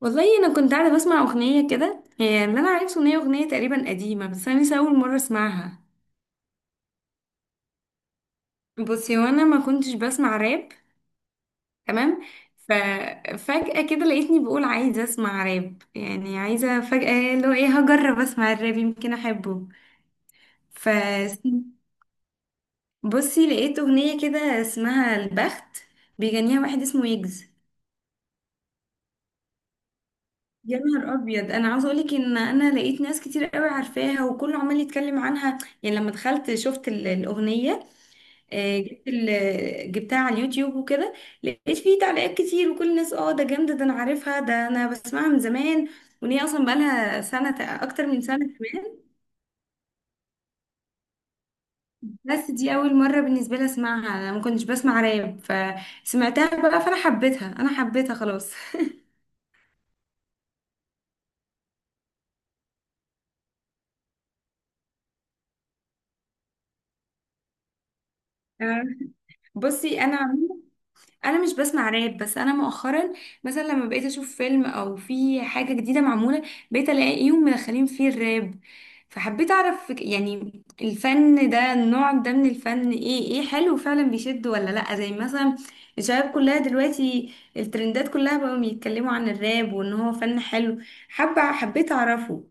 والله انا كنت قاعده بسمع اغنيه كده، هي اللي انا عرفته ان هي اغنيه تقريبا قديمه بس انا لسه اول مره اسمعها. بصي، وانا ما كنتش بسمع راب. تمام. ففجاه كده لقيتني بقول عايزه اسمع راب، يعني عايزه فجاه اللي هو ايه، هجرب اسمع الراب يمكن احبه. ف بصي لقيت اغنيه كده اسمها البخت، بيغنيها واحد اسمه يجز. يا نهار ابيض، انا عاوزه اقولك ان انا لقيت ناس كتير قوي عارفاها وكله عمال يتكلم عنها. يعني لما دخلت شفت الاغنيه. جبت جبتها على اليوتيوب وكده. لقيت فيه تعليقات كتير، وكل الناس اه ده جامدة، ده انا عارفها، ده انا بسمعها من زمان، وان هي اصلا بقالها سنة اكتر من سنة كمان. بس دي اول مرة بالنسبة لي اسمعها، انا ما كنتش بسمع راب. فسمعتها بقى فانا حبيتها، انا حبيتها خلاص. آه، بصي انا مش بسمع راب، بس انا مؤخرا مثلا لما بقيت اشوف فيلم او في حاجه جديده معموله، بقيت الاقيهم مدخلين فيه الراب. فحبيت اعرف يعني الفن ده، النوع ده من الفن ايه، ايه حلو فعلا بيشد ولا لا؟ زي مثلا الشباب كلها دلوقتي الترندات كلها بقوا بيتكلموا عن الراب وان هو فن حلو، حابه حبيت اعرفه.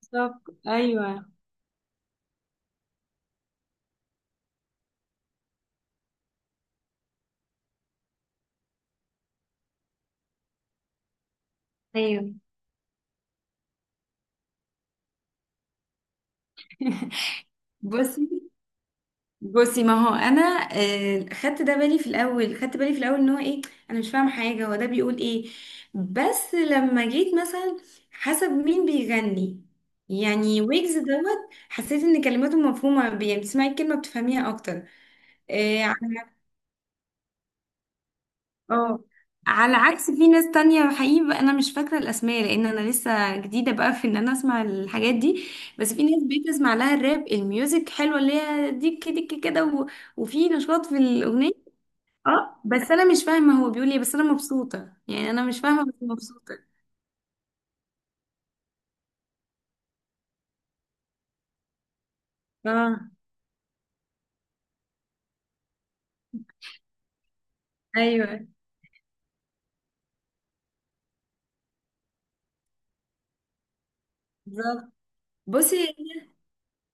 بالظبط، ايوه. ايوه. بصي بصي ما هو انا، آه، خدت ده بالي في الاول، خدت بالي في الاول ان هو ايه، انا مش فاهمه حاجه هو ده بيقول ايه. بس لما جيت مثلا حسب مين بيغني، يعني ويجز دوت، حسيت ان كلماته مفهومه يعني بتسمعي الكلمه بتفهميها اكتر. آه، على اه، على عكس في ناس تانية حقيقي بقى، انا مش فاكره الاسماء لان انا لسه جديده بقى في ان انا اسمع الحاجات دي. بس في ناس بتسمع لها الراب، الميوزك حلوه اللي هي ديك ديك كده وفي نشاط في الاغنيه. اه، بس انا مش فاهمه هو بيقول ايه، بس انا مبسوطه، يعني انا مش فاهمه بس مبسوطه. اه. ايوه. بالظبط. بصي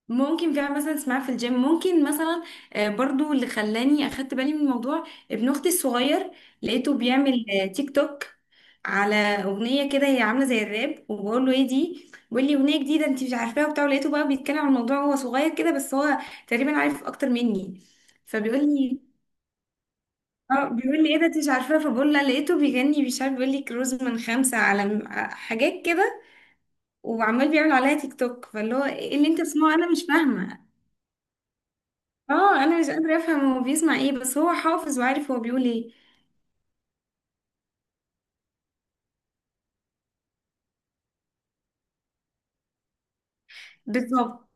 ممكن كمان مثلا تسمعها في الجيم ممكن مثلا. آه، برضو اللي خلاني اخدت بالي من الموضوع ابن اختي الصغير، لقيته بيعمل تيك توك على اغنيه كده هي عامله زي الراب، وبقول له ايه دي؟ بيقول لي اغنيه جديده انت مش عارفاها وبتاع. لقيته بقى بيتكلم عن الموضوع وهو صغير كده، بس هو تقريبا عارف اكتر مني. فبيقول لي اه، بيقول لي ايه ده انت مش عارفه؟ فبقول لها لقيته بيغني مش عارف بيقول لي كروز من خمسه على حاجات كده، وعمال بيعمل عليها تيك توك. فاللي هو ايه اللي انت بتسمعه، انا مش فاهمه. اه انا مش قادره افهم هو بيسمع ايه، بس هو حافظ وعارف هو بيقول ايه. بالظبط.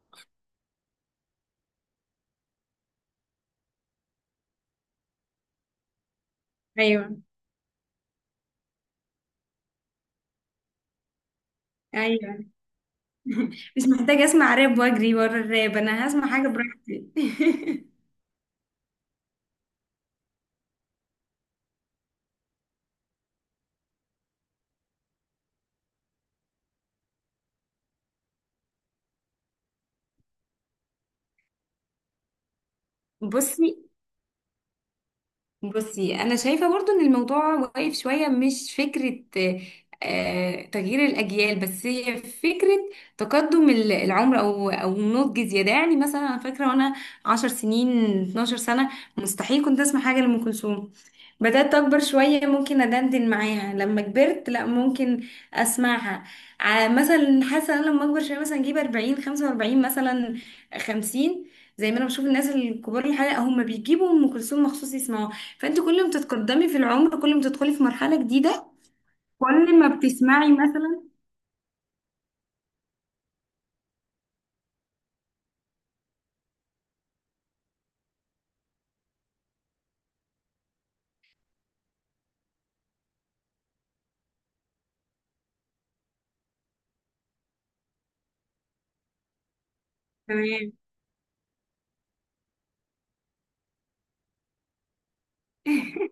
ايوه. ايوه. مش محتاجه اسمع راب واجري ورا الراب، انا هسمع حاجه براحتي. بصي بصي انا شايفه برضو ان الموضوع واقف شويه، مش فكره آه، تغيير الاجيال، بس هي فكره تقدم العمر او او نضج زياده. يعني مثلا انا فاكره وانا 10 سنين، 12 سنه، مستحيل كنت اسمع حاجه لام كلثوم. بدات اكبر شويه ممكن ادندن معاها، لما كبرت لا ممكن اسمعها. مثلا حاسه انا لما اكبر شويه مثلا اجيب 40، 45 مثلا، 50، زي ما انا بشوف الناس الكبار، الحقيقه هم بيجيبوا ام كلثوم مخصوص يسمعوها. فانت كل ما تتقدمي في العمر، كل ما تدخلي في مرحلة جديدة، كل ما بتسمعي مثلا. تمام.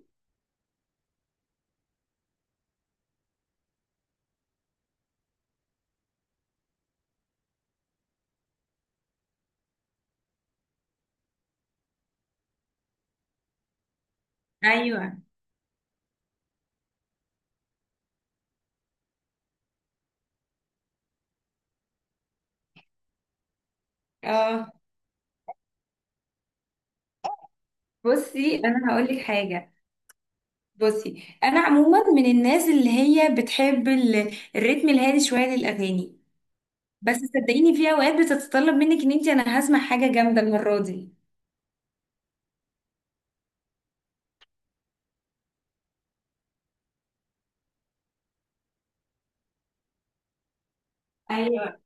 ايوه. اه بصي انا هقول لك حاجه. بصي انا عموما من الناس اللي هي بتحب الريتم الهادي شويه للاغاني. بس صدقيني في اوقات بتتطلب منك ان انت، انا هسمع حاجه جامده المره دي. ايوه.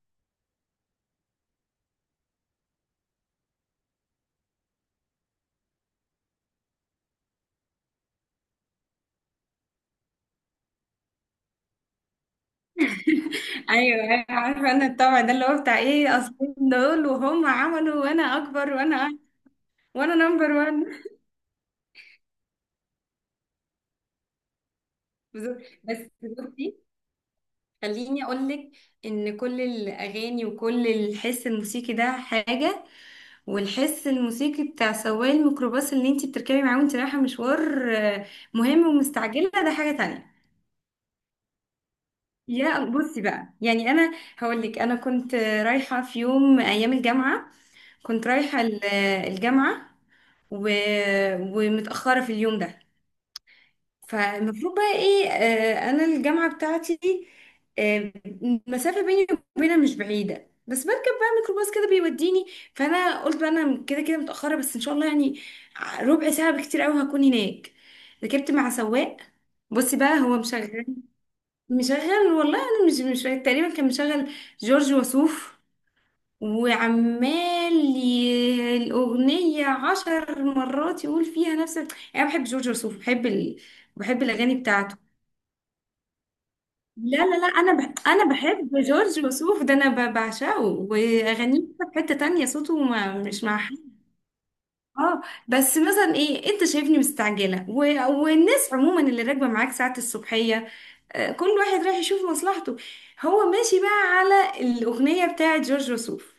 ايوه أيوة، عارفه انا الطبع ده اللي هو بتاع ايه، اصلين دول وهم عملوا وانا اكبر، وانا نمبر وان. بالظبط. بس بصي خليني أقولك إن كل الأغاني وكل الحس الموسيقي ده حاجة، والحس الموسيقي بتاع سواق الميكروباص اللي انتي بتركبي معاه وانتي رايحة مشوار مهم ومستعجلة ده حاجة تانية. يا بصي بقى يعني أنا هقولك أنا كنت رايحة في يوم أيام الجامعة، كنت رايحة الجامعة و... ومتأخرة في اليوم ده. فالمفروض بقى ايه آه، انا الجامعة بتاعتي دي، آه المسافة بيني وبينها مش بعيدة، بس بركب بقى ميكروباص كده بيوديني. فانا قلت بقى انا كده كده متأخرة، بس ان شاء الله يعني ربع ساعة بكتير قوي هكون هناك. ركبت مع سواق، بصي بقى هو مشغل، مشغل والله انا مش فاكرة. تقريبا كان مشغل جورج وسوف، وعمال الأغنية عشر مرات يقول فيها نفس، يعني أنا بحب جورج وسوف، بحب بحب الأغاني بتاعته. لا انا انا بحب جورج وسوف، ده انا بعشقه، واغانيه في حته تانية، صوته ما... مش مع حد. اه. بس مثلا ايه انت شايفني مستعجله والناس عموما اللي راكبه معاك ساعه الصبحيه، آه، كل واحد رايح يشوف مصلحته، هو ماشي بقى على الاغنيه بتاعه جورج وسوف،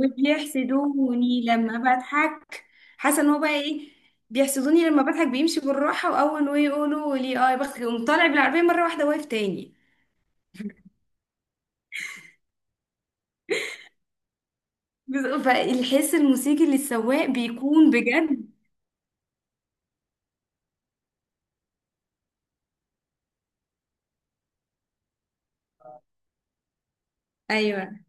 وبيحسدوني لما بضحك. حسن هو بقى ايه، بيحسدوني لما بضحك، بيمشي بالراحه واول ما يقولوا لي اه يا بختك يقوم طالع بالعربيه مره واحده واقف تاني. فالحس الموسيقي للسواق بيكون بجد. ايوه.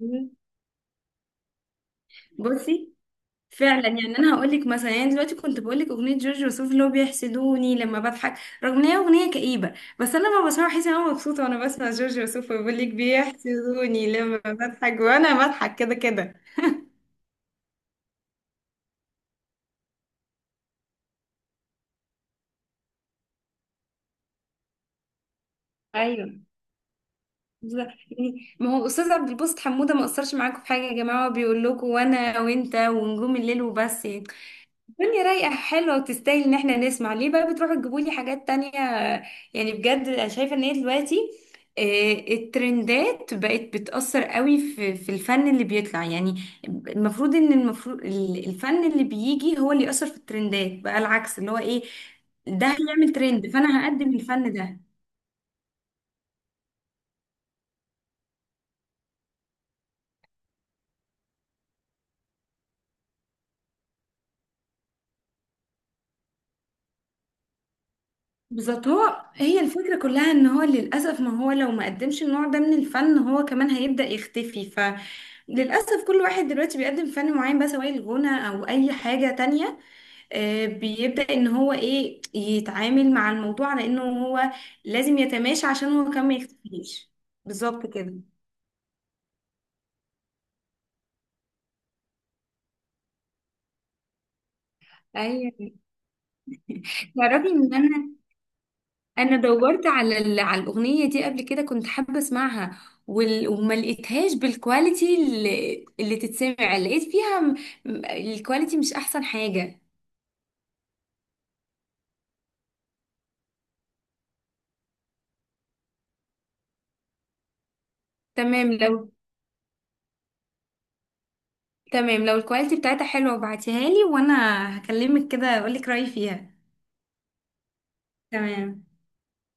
مم. بصي فعلا، يعني انا هقول لك مثلا، يعني دلوقتي كنت بقول لك اغنيه جورج وسوف اللي هو بيحسدوني لما بضحك، رغم ان هي اغنيه كئيبه، بس انا لما بسمعها بحس ان انا مبسوطه، وانا بسمع جورج وسوف بيقول لك بيحسدوني لما بضحك وانا بضحك كده كده. ايوه. بالظبط. يعني ما هو استاذ عبد الباسط حموده ما قصرش معاكم في حاجه يا جماعه، هو بيقول لكم وانا وانت ونجوم الليل وبس يعني. الدنيا رايقة حلوة وتستاهل ان احنا نسمع ليه بقى بتروحوا تجيبوا لي حاجات تانية؟ يعني بجد انا شايفة ان هي دلوقتي آه، الترندات بقت بتأثر قوي في في الفن اللي بيطلع. يعني المفروض ان المفروض الفن اللي بيجي هو اللي يأثر في الترندات، بقى العكس اللي هو ايه، ده هيعمل ترند فانا هقدم الفن ده. بالظبط. هو هي الفكرة كلها ان هو للأسف، ما هو لو ما قدمش النوع ده من الفن هو كمان هيبدأ يختفي. فللأسف كل واحد دلوقتي بيقدم فن معين بقى سواء الغنى أو أي حاجة تانية، آه، بيبدأ ان هو ايه يتعامل مع الموضوع على انه هو لازم يتماشى عشان هو كمان ما يختفيش. بالظبط كده. ايوه. تعرفي ان انا، انا دورت على على الاغنيه دي قبل كده، كنت حابه اسمعها وما لقيتهاش بالكواليتي اللي تتسمع، لقيت فيها الكواليتي مش احسن حاجه. تمام لو، تمام لو الكواليتي بتاعتها حلوه ابعتيها لي، وانا هكلمك كده اقول لك رايي فيها. تمام.